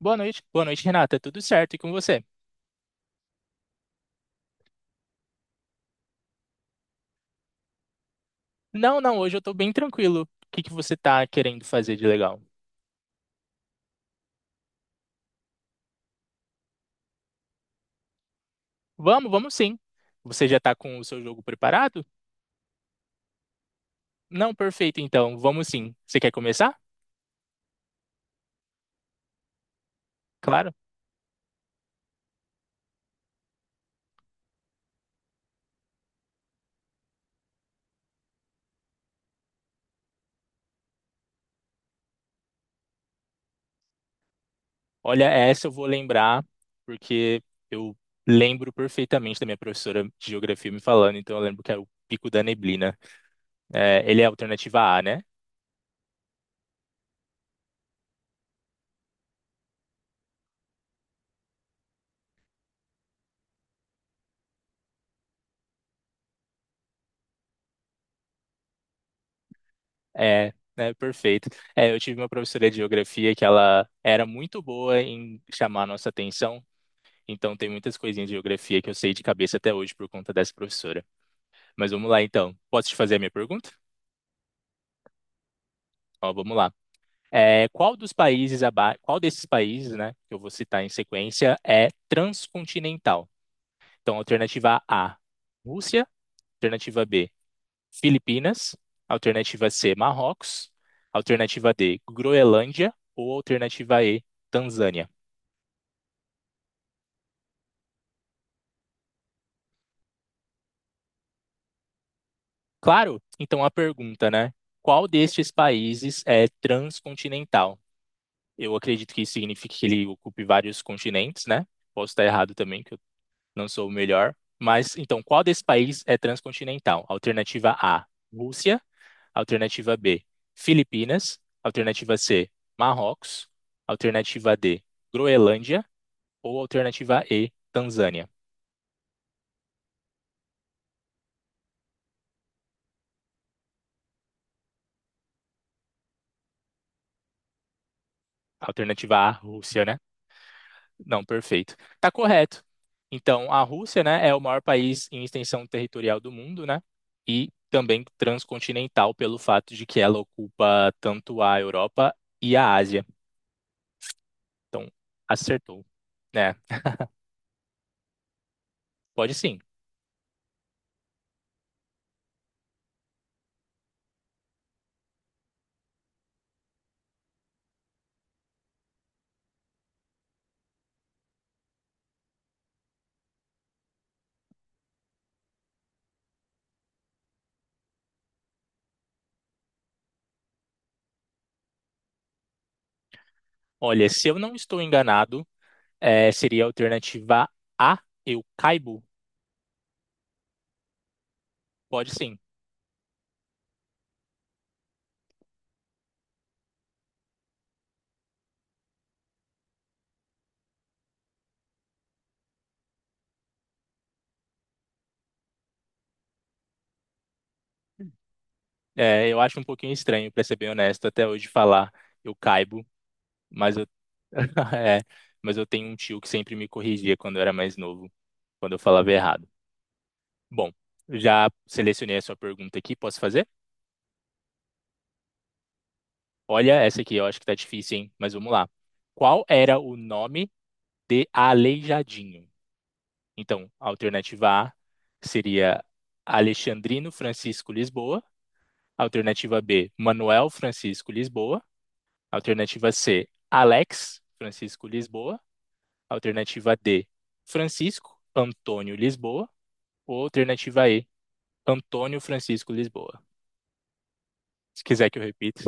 Boa noite. Boa noite, Renata. Tudo certo? E com você? Não, não, hoje eu tô bem tranquilo. O que que você tá querendo fazer de legal? Vamos, vamos sim. Você já tá com o seu jogo preparado? Não, perfeito, então. Vamos sim. Você quer começar? Claro. Olha, essa eu vou lembrar, porque eu lembro perfeitamente da minha professora de geografia me falando, então eu lembro que é o Pico da Neblina. É, ele é a alternativa A, né? É, né, perfeito. É, eu tive uma professora de geografia que ela era muito boa em chamar a nossa atenção, então tem muitas coisinhas de geografia que eu sei de cabeça até hoje por conta dessa professora. Mas vamos lá então. Posso te fazer a minha pergunta? Ó, vamos lá. É, qual desses países, né, que eu vou citar em sequência é transcontinental? Então, alternativa A, Rússia, alternativa B, Filipinas, alternativa C, Marrocos, alternativa D, Groenlândia ou alternativa E, Tanzânia. Claro, então a pergunta, né? Qual destes países é transcontinental? Eu acredito que isso signifique que ele ocupe vários continentes, né? Posso estar errado também, que eu não sou o melhor. Mas então, qual desse país é transcontinental? Alternativa A, Rússia. Alternativa B, Filipinas. Alternativa C, Marrocos. Alternativa D, Groenlândia ou alternativa E, Tanzânia. Alternativa A, Rússia, né? Não, perfeito. Tá correto. Então, a Rússia, né, é o maior país em extensão territorial do mundo, né? E também transcontinental pelo fato de que ela ocupa tanto a Europa e a Ásia. Então, acertou, né? Pode sim. Olha, se eu não estou enganado, é, seria a alternativa A, eu caibo? Pode sim. É, eu acho um pouquinho estranho, pra ser bem honesto, até hoje falar eu caibo, mas eu é, mas eu tenho um tio que sempre me corrigia quando eu era mais novo, quando eu falava errado. Bom, já selecionei a sua pergunta aqui, posso fazer? Olha essa aqui, eu acho que tá difícil, hein? Mas vamos lá. Qual era o nome de Aleijadinho? Então, a alternativa A seria Alexandrino Francisco Lisboa, alternativa B, Manuel Francisco Lisboa. Alternativa C, Alex Francisco Lisboa. Alternativa D, Francisco Antônio Lisboa. Ou alternativa E, Antônio Francisco Lisboa. Se quiser que eu repita,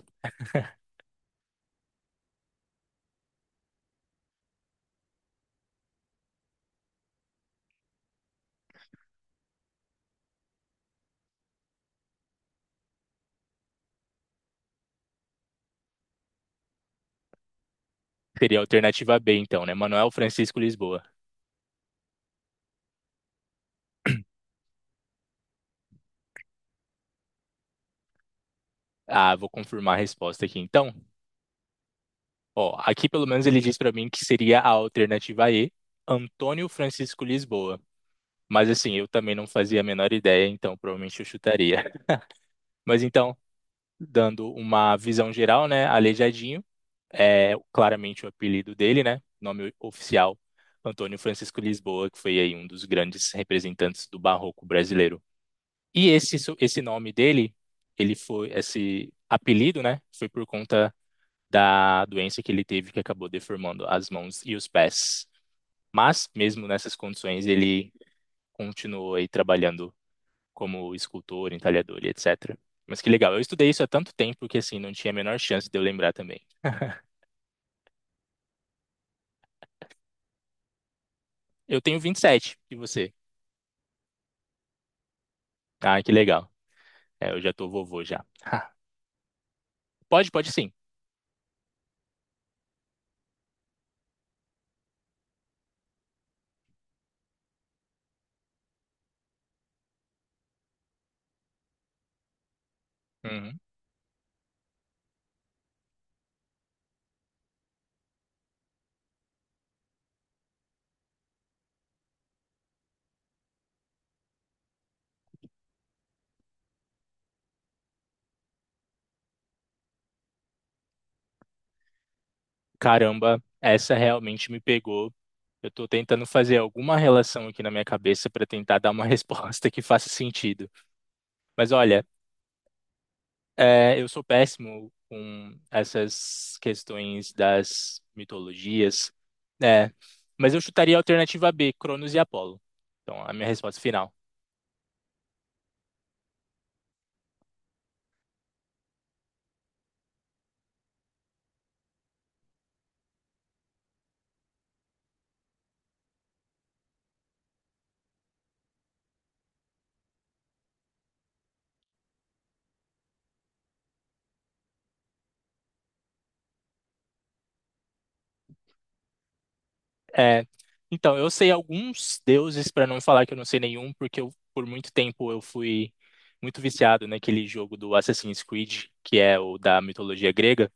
seria a alternativa B, então, né? Manuel Francisco Lisboa. Ah, vou confirmar a resposta aqui, então. Ó, aqui pelo menos ele diz para mim que seria a alternativa E, Antônio Francisco Lisboa. Mas assim, eu também não fazia a menor ideia, então provavelmente eu chutaria. Mas então, dando uma visão geral, né? Aleijadinho, é claramente o apelido dele, né? Nome oficial, Antônio Francisco Lisboa, que foi aí um dos grandes representantes do barroco brasileiro. E esse nome dele, ele foi esse apelido, né? Foi por conta da doença que ele teve que acabou deformando as mãos e os pés. Mas mesmo nessas condições, ele continuou aí trabalhando como escultor, entalhador e etc. Mas que legal, eu estudei isso há tanto tempo que assim não tinha a menor chance de eu lembrar também. Eu tenho 27. E você? Ah, que legal. É, eu já tô vovô já. Ah, pode, pode sim. Uhum. Caramba, essa realmente me pegou. Eu tô tentando fazer alguma relação aqui na minha cabeça para tentar dar uma resposta que faça sentido. Mas olha, é, eu sou péssimo com essas questões das mitologias, né? Mas eu chutaria a alternativa B, Cronos e Apolo. Então, a minha resposta final. É, então, eu sei alguns deuses, para não falar que eu não sei nenhum, porque eu, por muito tempo eu fui muito viciado naquele jogo do Assassin's Creed, que é o da mitologia grega,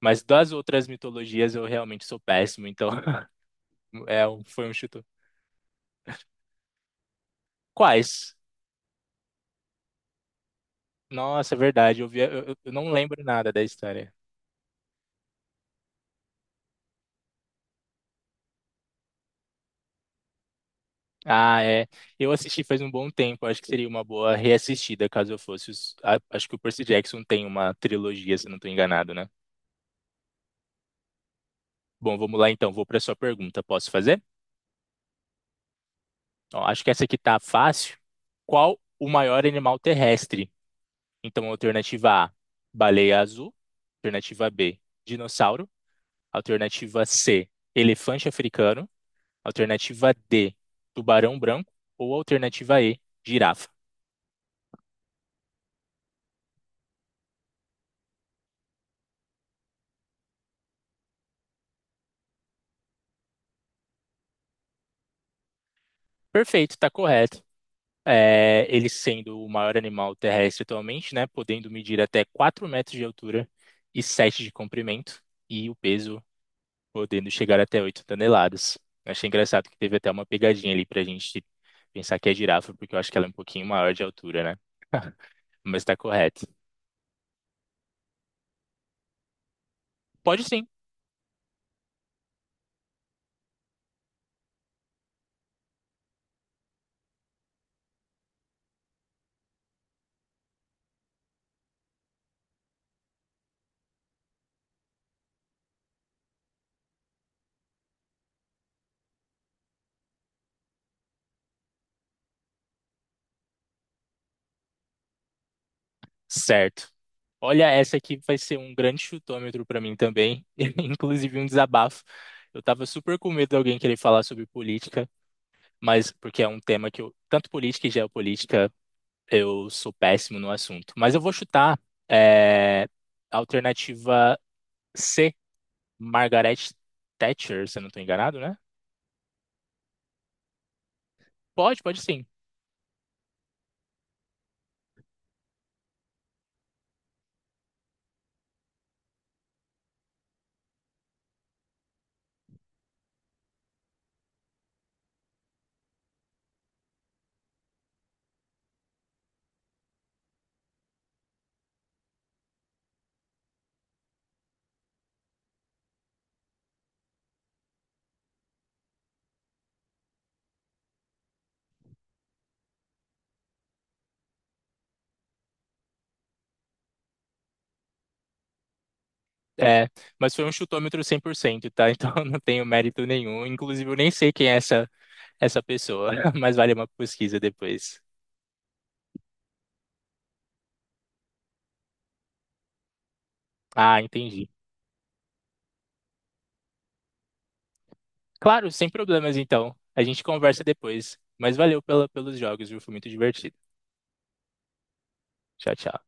mas das outras mitologias eu realmente sou péssimo, então é, foi um chute. Quais? Nossa, é verdade, eu, vi, eu não lembro nada da história. Ah, é. Eu assisti faz um bom tempo, acho que seria uma boa reassistida caso eu fosse. Acho que o Percy Jackson tem uma trilogia, se eu não estou enganado, né? Bom, vamos lá então. Vou para a sua pergunta. Posso fazer? Ó, acho que essa aqui tá fácil. Qual o maior animal terrestre? Então, alternativa A, baleia azul. Alternativa B, dinossauro. Alternativa C, elefante africano. Alternativa D, tubarão branco. Ou alternativa E, girafa. Perfeito, está correto. É, ele sendo o maior animal terrestre atualmente, né, podendo medir até 4 metros de altura e 7 de comprimento, e o peso podendo chegar até 8 toneladas. Eu achei engraçado que teve até uma pegadinha ali para a gente pensar que é girafa, porque eu acho que ela é um pouquinho maior de altura, né? Mas está correto. Pode sim. Certo. Olha, essa aqui vai ser um grande chutômetro para mim também, inclusive um desabafo. Eu estava super com medo de alguém querer falar sobre política, mas porque é um tema que eu, tanto política e geopolítica, eu sou péssimo no assunto. Mas eu vou chutar é, alternativa C, Margaret Thatcher, se eu não estou enganado, né? Pode, pode sim. É, mas foi um chutômetro 100%, tá? Então eu não tenho mérito nenhum. Inclusive, eu nem sei quem é essa, essa pessoa, mas vale uma pesquisa depois. Ah, entendi. Claro, sem problemas então. A gente conversa depois. Mas valeu pelos jogos, viu? Foi muito divertido. Tchau, tchau.